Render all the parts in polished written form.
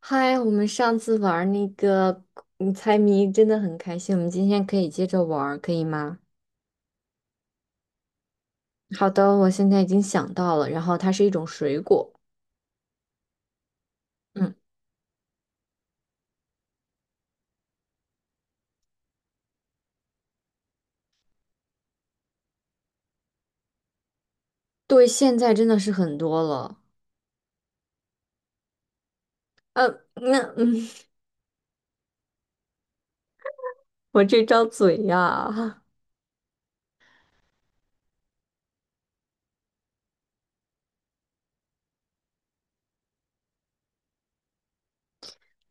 嗨，我们上次玩儿那个猜谜真的很开心，我们今天可以接着玩儿，可以吗？好的，我现在已经想到了，然后它是一种水果。嗯，对，现在真的是很多了。呃，那嗯，我这张嘴呀，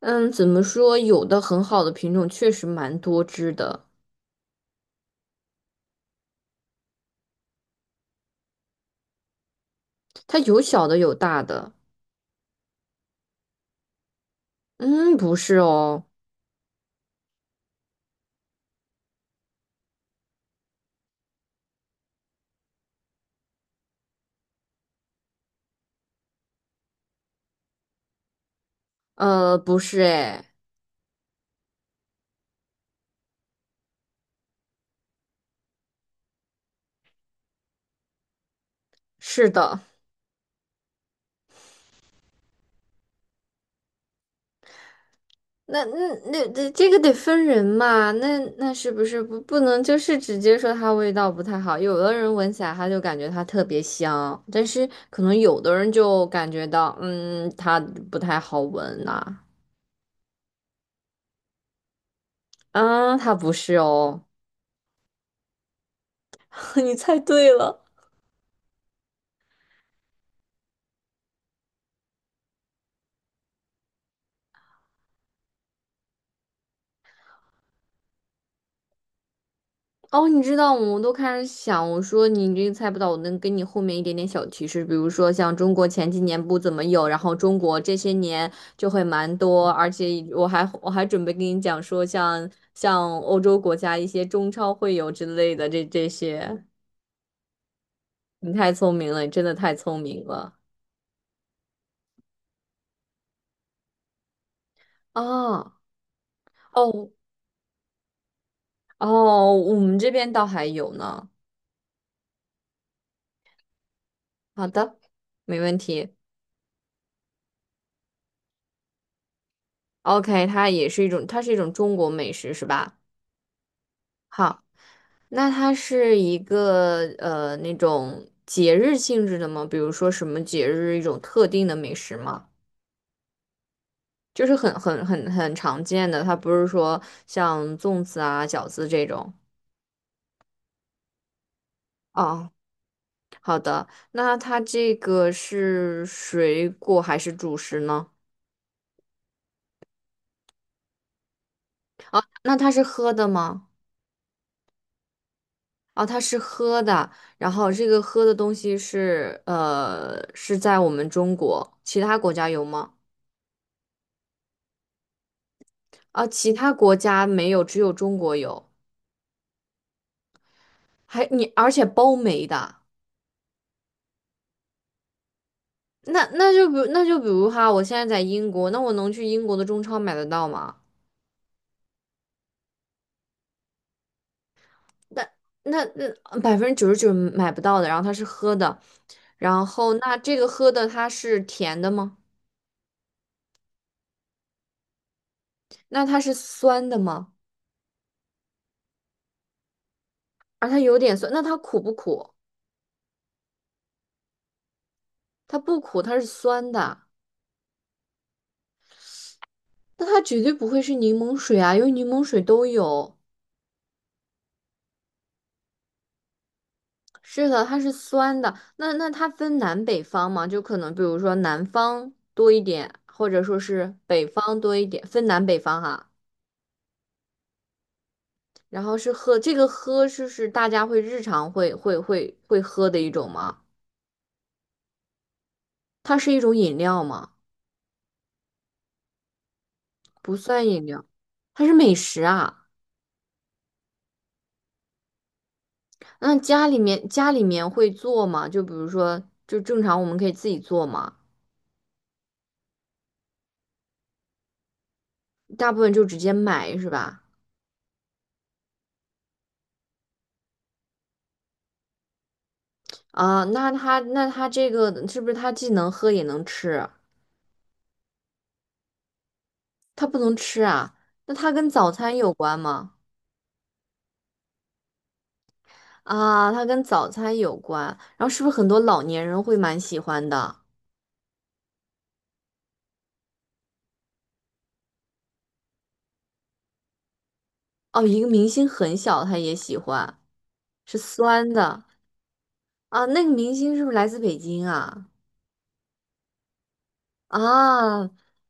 嗯，怎么说？有的很好的品种确实蛮多汁的，它有小的有大的。嗯，不是哦，不是，哎，是的。那那那这这个得分人嘛，那是不是不能就是直接说它味道不太好？有的人闻起来他就感觉它特别香，但是可能有的人就感觉到，它不太好闻呐、啊，它不是哦，你猜对了。哦，你知道，我都开始想，我说你这个猜不到，我能给你后面一点点小提示，比如说像中国前几年不怎么有，然后中国这些年就会蛮多，而且我还准备跟你讲说像欧洲国家一些中超会有之类的这些，你太聪明了，你真的太聪明了啊！哦哦，我们这边倒还有呢。好的，没问题。OK，它也是一种，它是一种中国美食，是吧？好。那它是一个那种节日性质的吗？比如说什么节日一种特定的美食吗？就是很常见的，它不是说像粽子啊、饺子这种。哦，好的，那它这个是水果还是主食呢？那它是喝的吗？哦，它是喝的，然后这个喝的东西是是在我们中国，其他国家有吗？啊，其他国家没有，只有中国有。还你，而且包没的，就比如那就比如哈，我现在在英国，那我能去英国的中超买得到吗？那那99%买不到的，然后它是喝的，然后那这个喝的它是甜的吗？那它是酸的吗？而它有点酸，那它苦不苦？它不苦，它是酸的，那它绝对不会是柠檬水啊，因为柠檬水都有。是的，它是酸的。那那它分南北方吗？就可能比如说南方多一点，或者说是北方多一点，分南北方哈。然后是喝，这个喝是大家日常会喝的一种吗？它是一种饮料吗？不算饮料，它是美食啊。那家里面会做吗？就比如说，就正常我们可以自己做吗？大部分就直接买是吧？啊，那它这个是不是它既能喝也能吃？它不能吃啊？那它跟早餐有关吗？啊，它跟早餐有关。然后是不是很多老年人会蛮喜欢的？哦，一个明星很小，他也喜欢，是酸的啊。那个明星是不是来自北京啊？啊，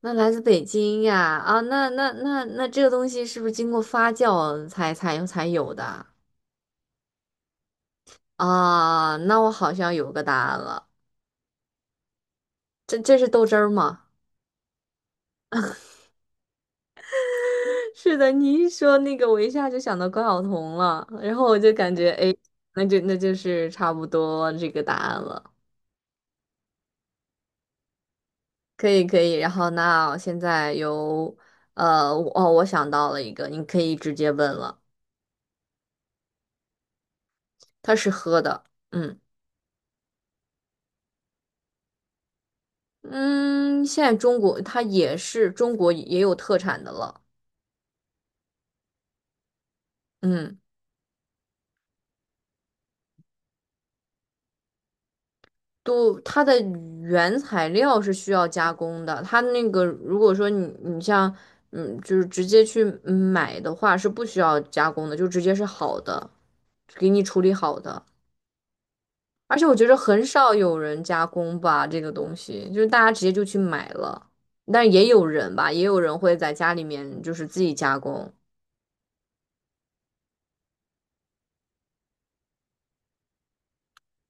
那来自北京呀？啊，那这个东西是不是经过发酵才有的啊？啊那我好像有个答案了，这是豆汁儿吗？是的，你一说那个，我一下就想到关晓彤了，然后我就感觉，哎，那就是差不多这个答案了，可以可以。然后那现在由，我想到了一个，你可以直接问了，它是喝的，嗯嗯，现在中国它也是中国也有特产的了，嗯。都它的原材料是需要加工的，它那个如果说你像就是直接去买的话是不需要加工的，就直接是好的，给你处理好的。而且我觉得很少有人加工吧，这个东西就是大家直接就去买了，但也有人吧，也有人会在家里面就是自己加工。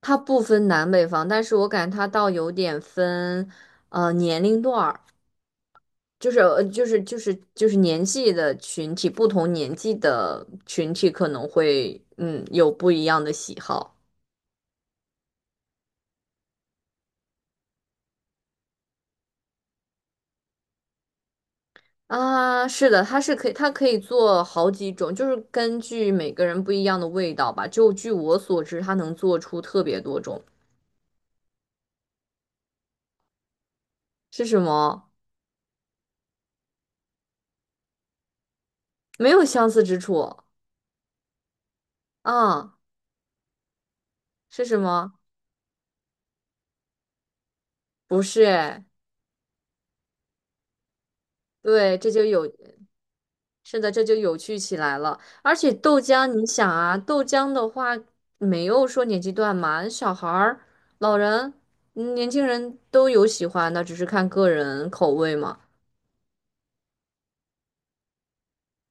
它不分南北方，但是我感觉它倒有点分年龄段儿。就是年纪的群体，不同年纪的群体可能会有不一样的喜好啊。是的，它是可以，它可以做好几种，就是根据每个人不一样的味道吧。就据我所知，它能做出特别多种。是什么？没有相似之处啊？是什么？不是哎，对，这就有。是的，这就有趣起来了。而且豆浆，你想啊，豆浆的话没有说年纪段嘛，小孩儿、老人、年轻人都有喜欢的，只是看个人口味嘛。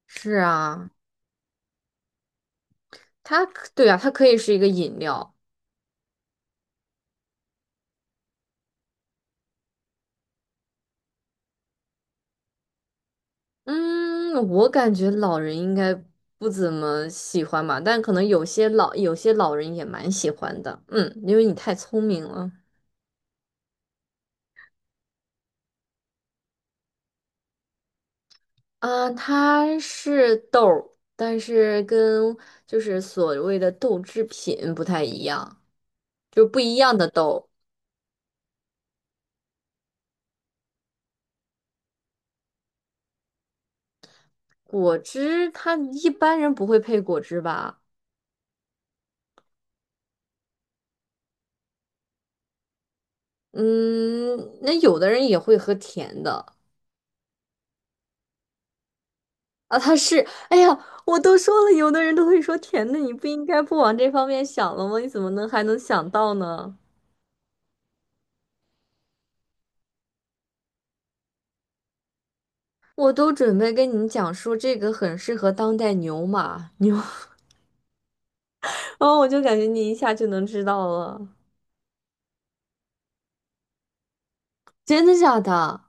是啊，它可对啊，它可以是一个饮料。嗯，我感觉老人应该不怎么喜欢吧，但可能有些老人也蛮喜欢的。嗯，因为你太聪明了。啊，它是豆儿，但是跟就是所谓的豆制品不太一样，就是不一样的豆。果汁，它一般人不会配果汁吧？嗯，那有的人也会喝甜的啊。它是，哎呀，我都说了，有的人都会说甜的，你不应该不往这方面想了吗？你怎么能还能想到呢？我都准备跟你讲说这个很适合当代牛马牛，哦，我就感觉你一下就能知道了。真的假的？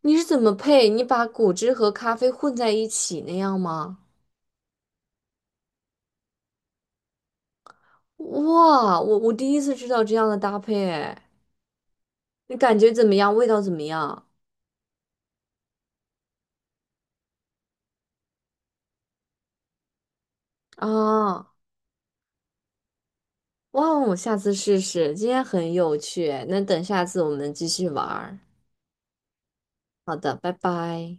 你是怎么配？你把果汁和咖啡混在一起那样吗？哇，我第一次知道这样的搭配，哎，你感觉怎么样？味道怎么样？啊，哇哦，我下次试试。今天很有趣哎，那等下次我们继续玩儿。好的，拜拜。